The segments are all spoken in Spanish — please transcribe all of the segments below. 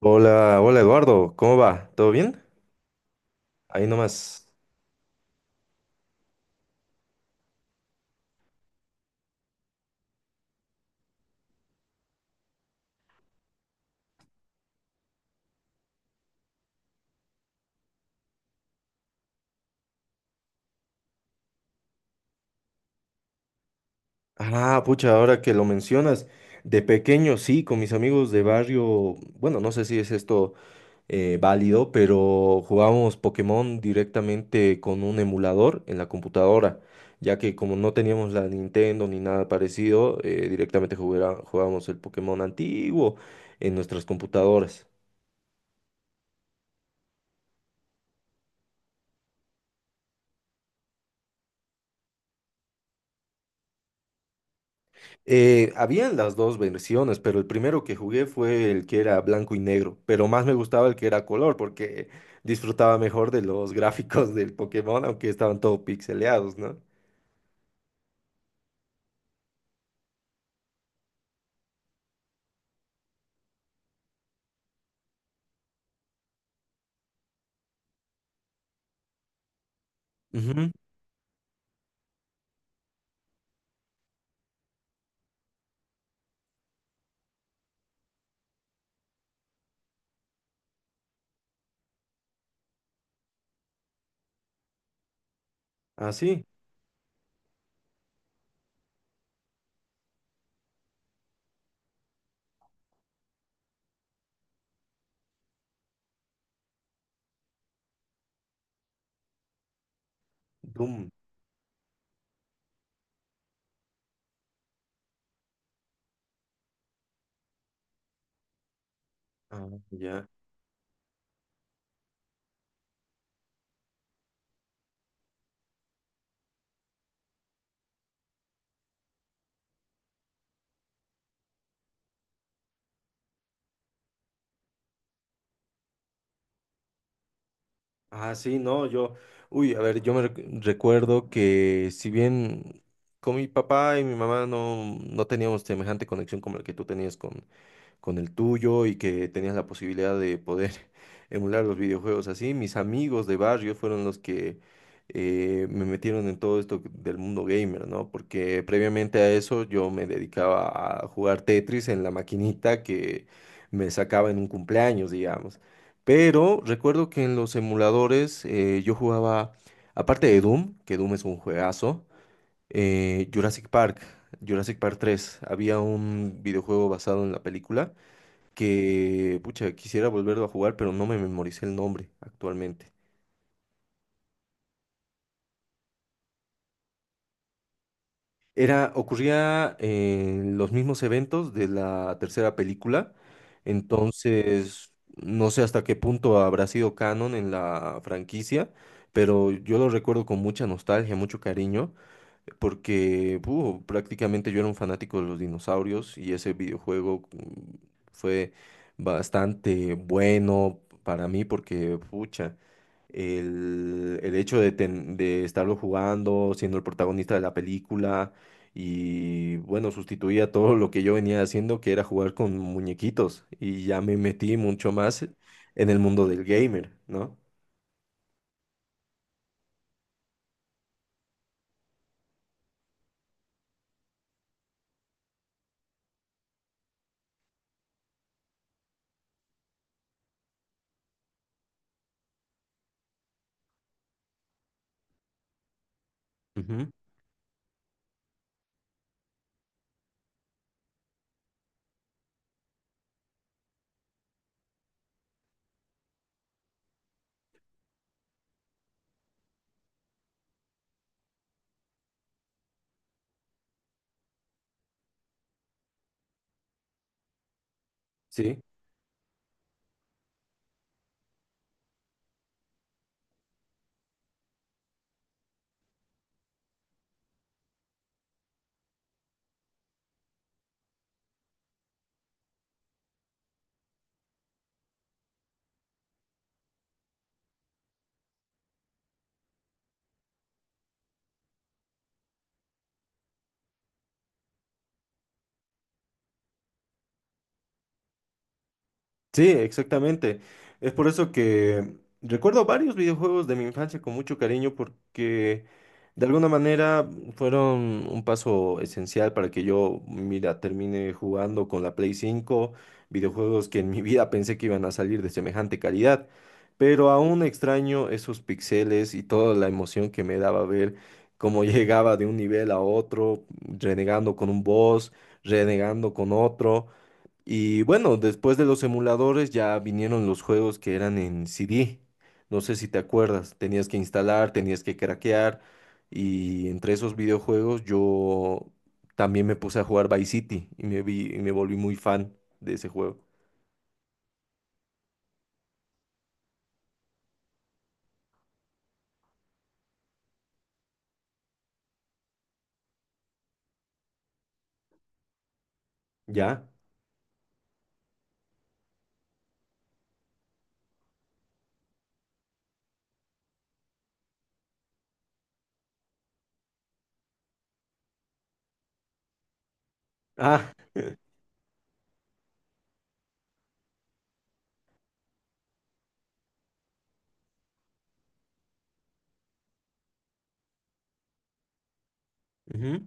Hola, hola Eduardo, ¿cómo va? ¿Todo bien? Ahí nomás. Ah, pucha, ahora que lo mencionas, de pequeño sí, con mis amigos de barrio, bueno, no sé si es esto válido, pero jugábamos Pokémon directamente con un emulador en la computadora, ya que como no teníamos la Nintendo ni nada parecido, directamente jugábamos el Pokémon antiguo en nuestras computadoras. Habían las dos versiones, pero el primero que jugué fue el que era blanco y negro, pero más me gustaba el que era color porque disfrutaba mejor de los gráficos del Pokémon, aunque estaban todo pixeleados, ¿no? Ujú. Ah, sí, Doom. Ah, ya. Ah, sí, no, yo, uy, a ver, yo me recuerdo que si bien con mi papá y mi mamá no, no teníamos semejante conexión como la que tú tenías con el tuyo y que tenías la posibilidad de poder emular los videojuegos así. Mis amigos de barrio fueron los que me metieron en todo esto del mundo gamer, ¿no? Porque previamente a eso yo me dedicaba a jugar Tetris en la maquinita que me sacaba en un cumpleaños, digamos. Pero recuerdo que en los emuladores yo jugaba, aparte de Doom, que Doom es un juegazo, Jurassic Park, Jurassic Park tres. Había un videojuego basado en la película que, pucha, quisiera volverlo a jugar, pero no me memoricé el nombre actualmente. Era, ocurría en los mismos eventos de la tercera película, entonces no sé hasta qué punto habrá sido canon en la franquicia, pero yo lo recuerdo con mucha nostalgia, mucho cariño, porque prácticamente yo era un fanático de los dinosaurios y ese videojuego fue bastante bueno para mí porque, pucha. El hecho de estarlo jugando, siendo el protagonista de la película y bueno, sustituía todo lo que yo venía haciendo, que era jugar con muñequitos y ya me metí mucho más en el mundo del gamer, ¿no? Ujú. Sí. Sí, exactamente. Es por eso que recuerdo varios videojuegos de mi infancia con mucho cariño porque de alguna manera fueron un paso esencial para que yo, mira, termine jugando con la Play 5, videojuegos que en mi vida pensé que iban a salir de semejante calidad, pero aún extraño esos pixeles y toda la emoción que me daba ver cómo llegaba de un nivel a otro, renegando con un boss, renegando con otro. Y bueno, después de los emuladores ya vinieron los juegos que eran en CD. No sé si te acuerdas, tenías que instalar, tenías que craquear. Y entre esos videojuegos yo también me puse a jugar Vice City y me volví muy fan de ese juego. ¿Ya? Ah, ujú.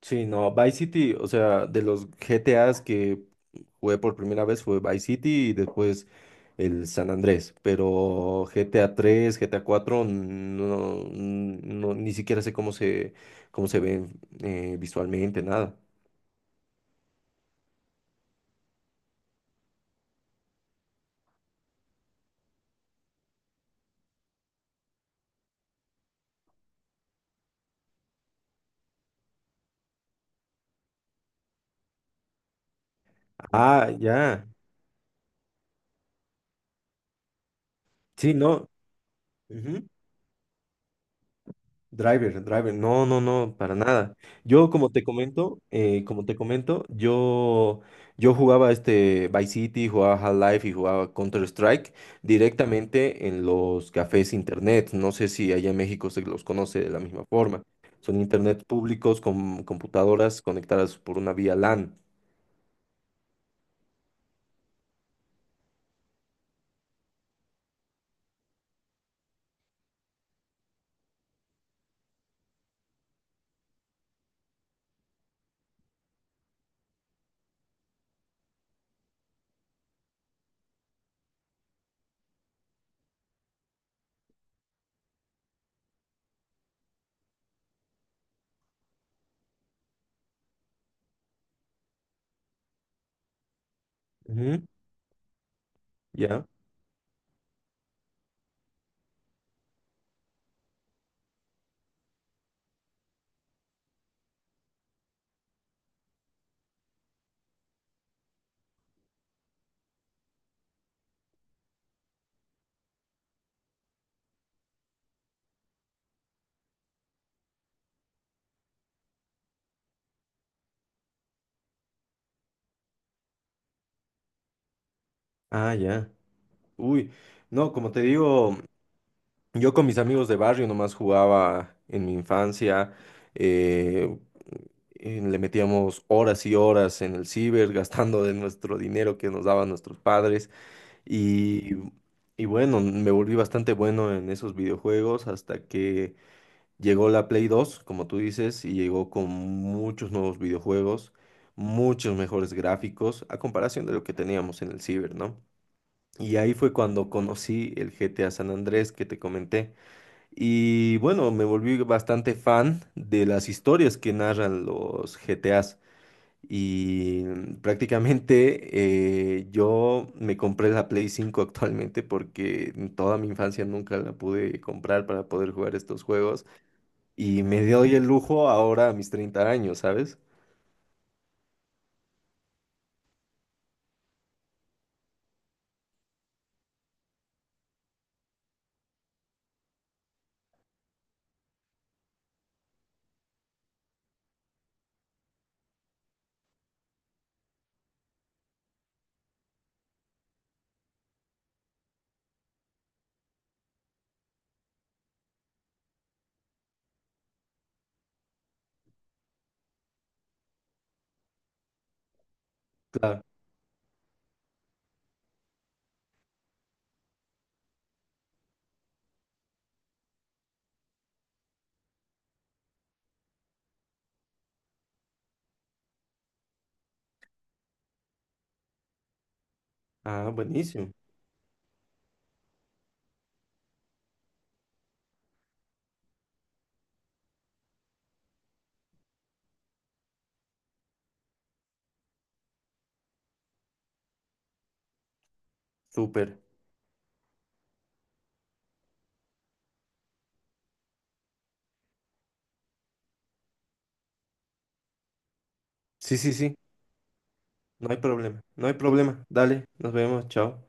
Sí, no, Vice City, o sea, de los GTAs que jugué por primera vez fue Vice City y después el San Andrés, pero GTA 3, GTA 4, no, no, ni siquiera sé cómo se ven visualmente, nada. Ah, ya, sí, no. Ujú. Driver, driver, no, no, no, para nada. Yo, como te comento, yo jugaba este Vice City, jugaba Half-Life y jugaba Counter-Strike directamente en los cafés internet. No sé si allá en México se los conoce de la misma forma. Son internet públicos con computadoras conectadas por una vía LAN. Ujú. Ya. Ah, ya. Uy, no, como te digo. Yo con mis amigos de barrio nomás jugaba en mi infancia, eh, le metíamos horas y horas en el ciber, gastando de nuestro dinero que nos daban nuestros padres y, y bueno, me volví bastante bueno en esos videojuegos hasta que llegó la Play 2 como tú dices, y llegó con muchos nuevos videojuegos, muchos mejores gráficos a comparación de lo que teníamos en el ciber, ¿no? Y ahí fue cuando conocí el GTA San Andrés que te comenté. Y bueno, me volví bastante fan de las historias que narran los GTAs. Y prácticamente yo me compré la Play 5 actualmente porque en toda mi infancia nunca la pude comprar para poder jugar estos juegos. Y me doy el lujo ahora a mis 30 años, ¿sabes? Claro. Ah, buenísimo. Súper. Sí, sí, sí. No hay problema. No hay problema. Dale, nos vemos. Chao.